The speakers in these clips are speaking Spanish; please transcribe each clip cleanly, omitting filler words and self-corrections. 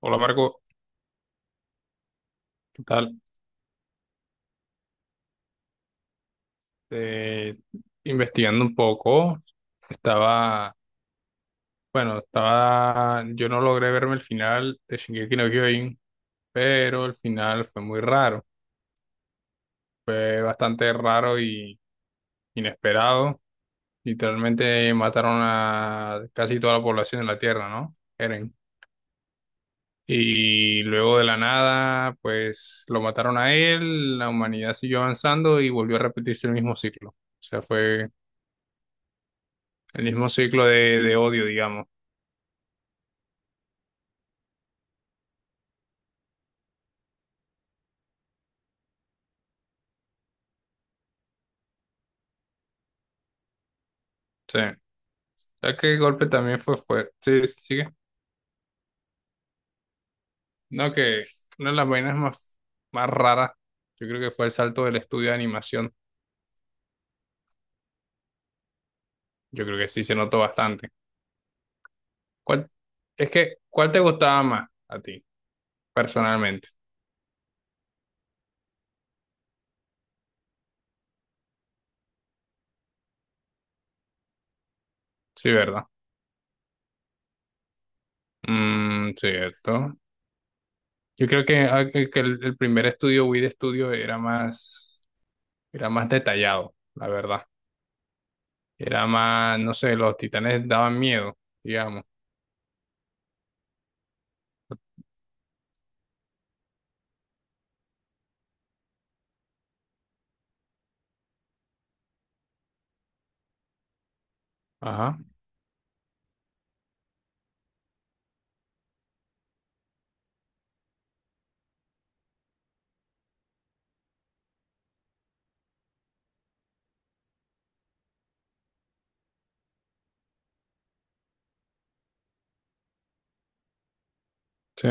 Hola Marco, ¿qué tal? Eh, Investigando un poco, estaba, bueno, estaba, yo no logré verme el final de Shingeki no Kyojin, pero el final fue muy raro, fue bastante raro y inesperado. Literalmente mataron a casi toda la población de la Tierra, ¿no? Eren. Y luego de la nada, pues lo mataron a él, la humanidad siguió avanzando y volvió a repetirse el mismo ciclo. O sea, fue el mismo ciclo de odio, digamos. Sí, ya que el golpe también fue fuerte. Sí, sí, sigue. No, que una de las vainas más, más raras, yo creo que fue el salto del estudio de animación. Yo creo que sí se notó bastante. ¿Cuál, es que, cuál te gustaba más a ti, personalmente? Sí, ¿verdad? Mm, cierto. Yo creo que, que el primer estudio, Wii de estudio, era más detallado, la verdad. Era más, no sé, los titanes daban miedo, digamos. Ajá. Sí.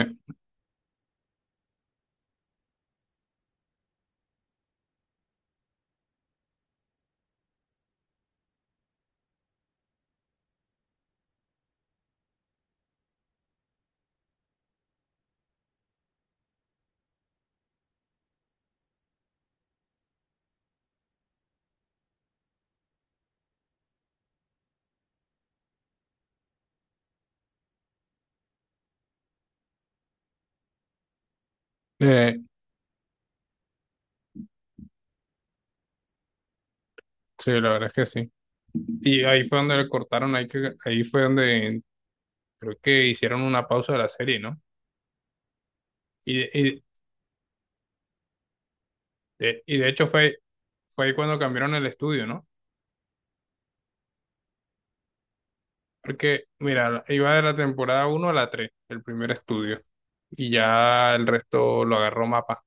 Eh, sí, la verdad es que sí. Y ahí fue donde le cortaron, ahí, que, ahí fue donde creo que hicieron una pausa de la serie, ¿no? Y, y, de, y de hecho fue, fue ahí cuando cambiaron el estudio, ¿no? Porque, mira, iba de la temporada uno a la 3 el primer estudio, y ya el resto lo agarró Mapa.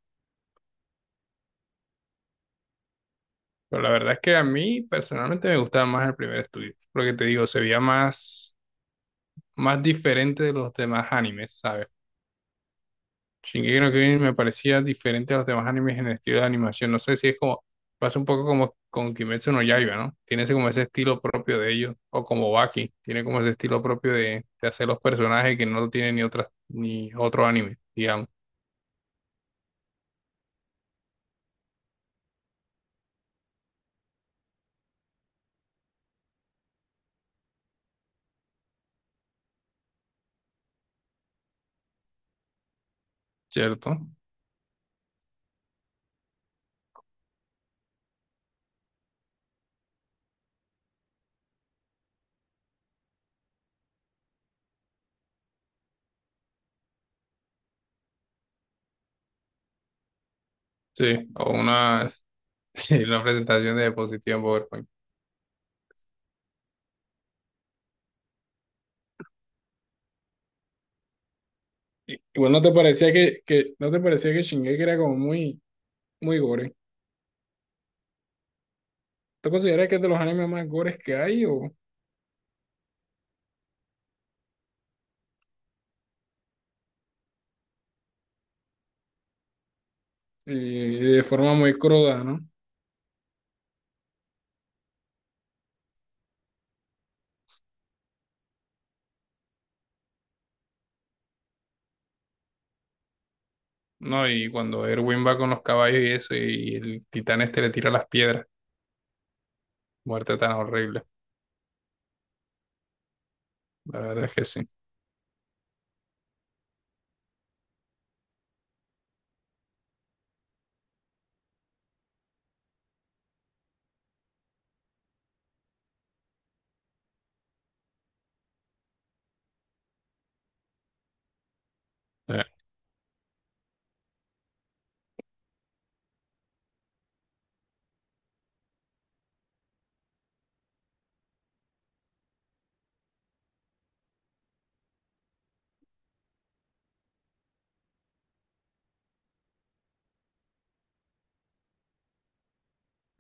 Pero la verdad es que a mí personalmente me gustaba más el primer estudio, porque te digo, se veía más, más diferente de los demás animes, ¿sabes? Shingeki no Kyojin me parecía diferente a los demás animes en el estilo de animación. No sé si es como, pasa un poco como con Kimetsu no Yaiba, ¿no? Tiene ese, como ese estilo propio de ellos, o como Baki, tiene como ese estilo propio de hacer los personajes que no lo tiene ni otras, ni otro anime, digamos, ¿cierto? Sí, o una, sí, una presentación de diapositiva en PowerPoint. Igual no te parecía que no te parecía que Shingeki era como muy, muy gore. ¿Tú consideras que es de los animes más gores que hay o eh, de forma muy cruda, ¿no? No, y cuando Erwin va con los caballos y eso, y el titán este le tira las piedras. Muerte tan horrible. La verdad es que sí. Eh,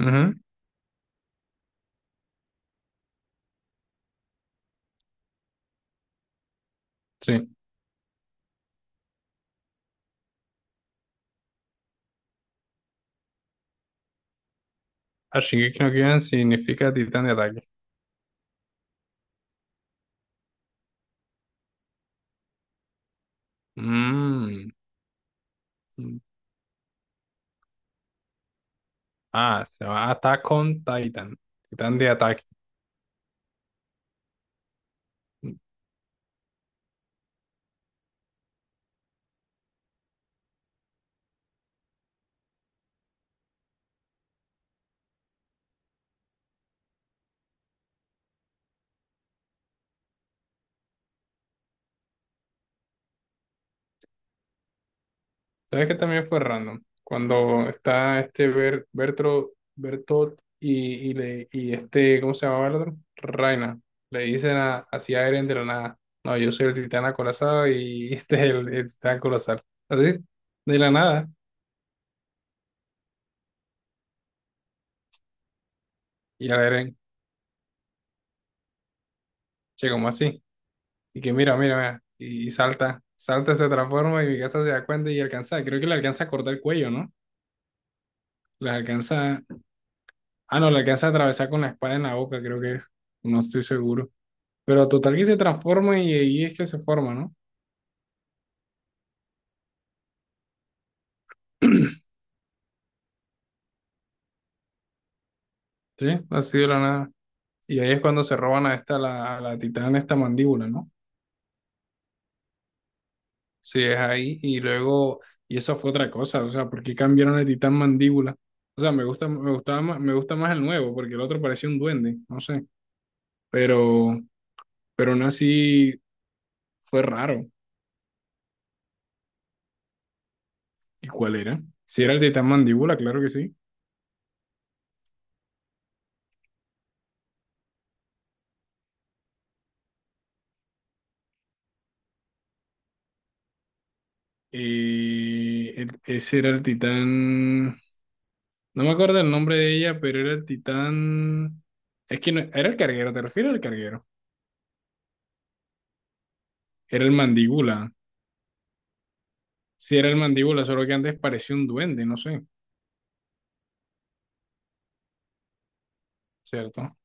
ujú. Sí. Ah, Shingeki no Kyojin significa titán de ataque. Mm. Mm. Ah, se llama Attack on Titan. Titán de ataque. ¿Sabes que también fue random? Cuando está este Bertro, Bertot y, le, y este, ¿cómo se llamaba el otro? Reina. Le dicen a, así a Eren de la nada. No, yo soy el titán acorazado y este es el titán colosal. Así, de la nada. Y a Eren, che, como así. Y que mira, mira, mira. Y, salta, salta, se transforma y mi casa se da cuenta y alcanza. Creo que le alcanza a cortar el cuello, ¿no? Le alcanza. Ah, no, le alcanza a atravesar con la espada en la boca, creo que es. No estoy seguro. Pero total que se transforma y ahí es que se forma, ¿no? Sí, así de la nada. Y ahí es cuando se roban a esta, la, a la titán, esta mandíbula, ¿no? Sí, es ahí. Y luego, y eso fue otra cosa, o sea, ¿por qué cambiaron el titán mandíbula? O sea, me gusta, me gustaba más, me gusta más el nuevo, porque el otro parecía un duende, no sé. Pero, pero aún así fue raro. ¿Y cuál era? Si era el titán mandíbula, claro que sí. Ese era el titán. No me acuerdo el nombre de ella, pero era el titán. Es que no, era el carguero, ¿te refieres al carguero? Era el mandíbula. Sí, era el mandíbula, solo que antes parecía un duende, no sé, ¿cierto?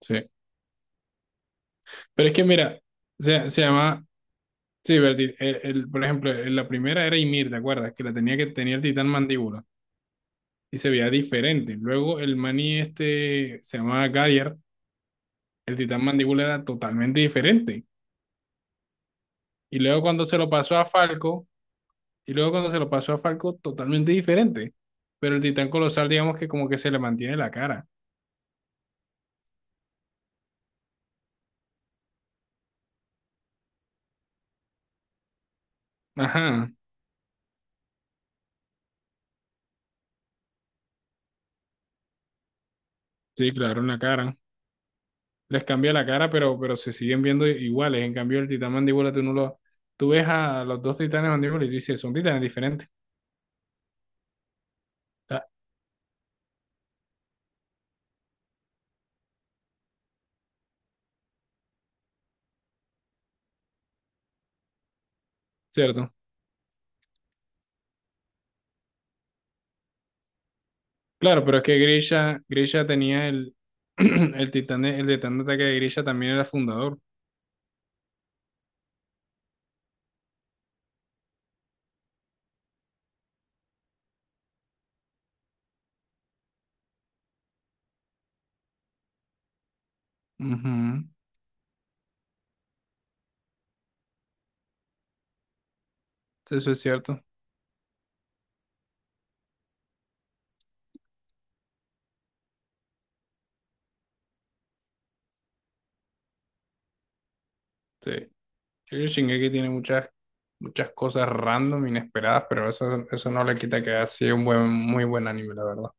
Sí. Pero es que mira, se llama. Sí, pero el por ejemplo, en la primera era Ymir, ¿te acuerdas? Que la tenía que tenía el titán mandíbula y se veía diferente. Luego el maní este se llamaba Gyar, el titán mandíbula era totalmente diferente. Y luego cuando se lo pasó a Falco. Y luego cuando se lo pasó a Falco, totalmente diferente. Pero el titán colosal, digamos que como que se le mantiene la cara. Ajá, sí, claro, una cara. Les cambia la cara, pero se siguen viendo iguales. En cambio, el titán mandíbula, tú no lo... Tú ves a los dos titanes mandíbula y tú dices, son titanes diferentes. Ah, cierto. Claro, pero es que Grisha, Grisha tenía el, el titán de ataque de Grisha también era fundador. Ujú, eso es cierto. Sí. Yo creo que Shingeki tiene muchas, muchas cosas random, inesperadas, pero eso no le quita que ha sido un buen, muy buen anime, la verdad.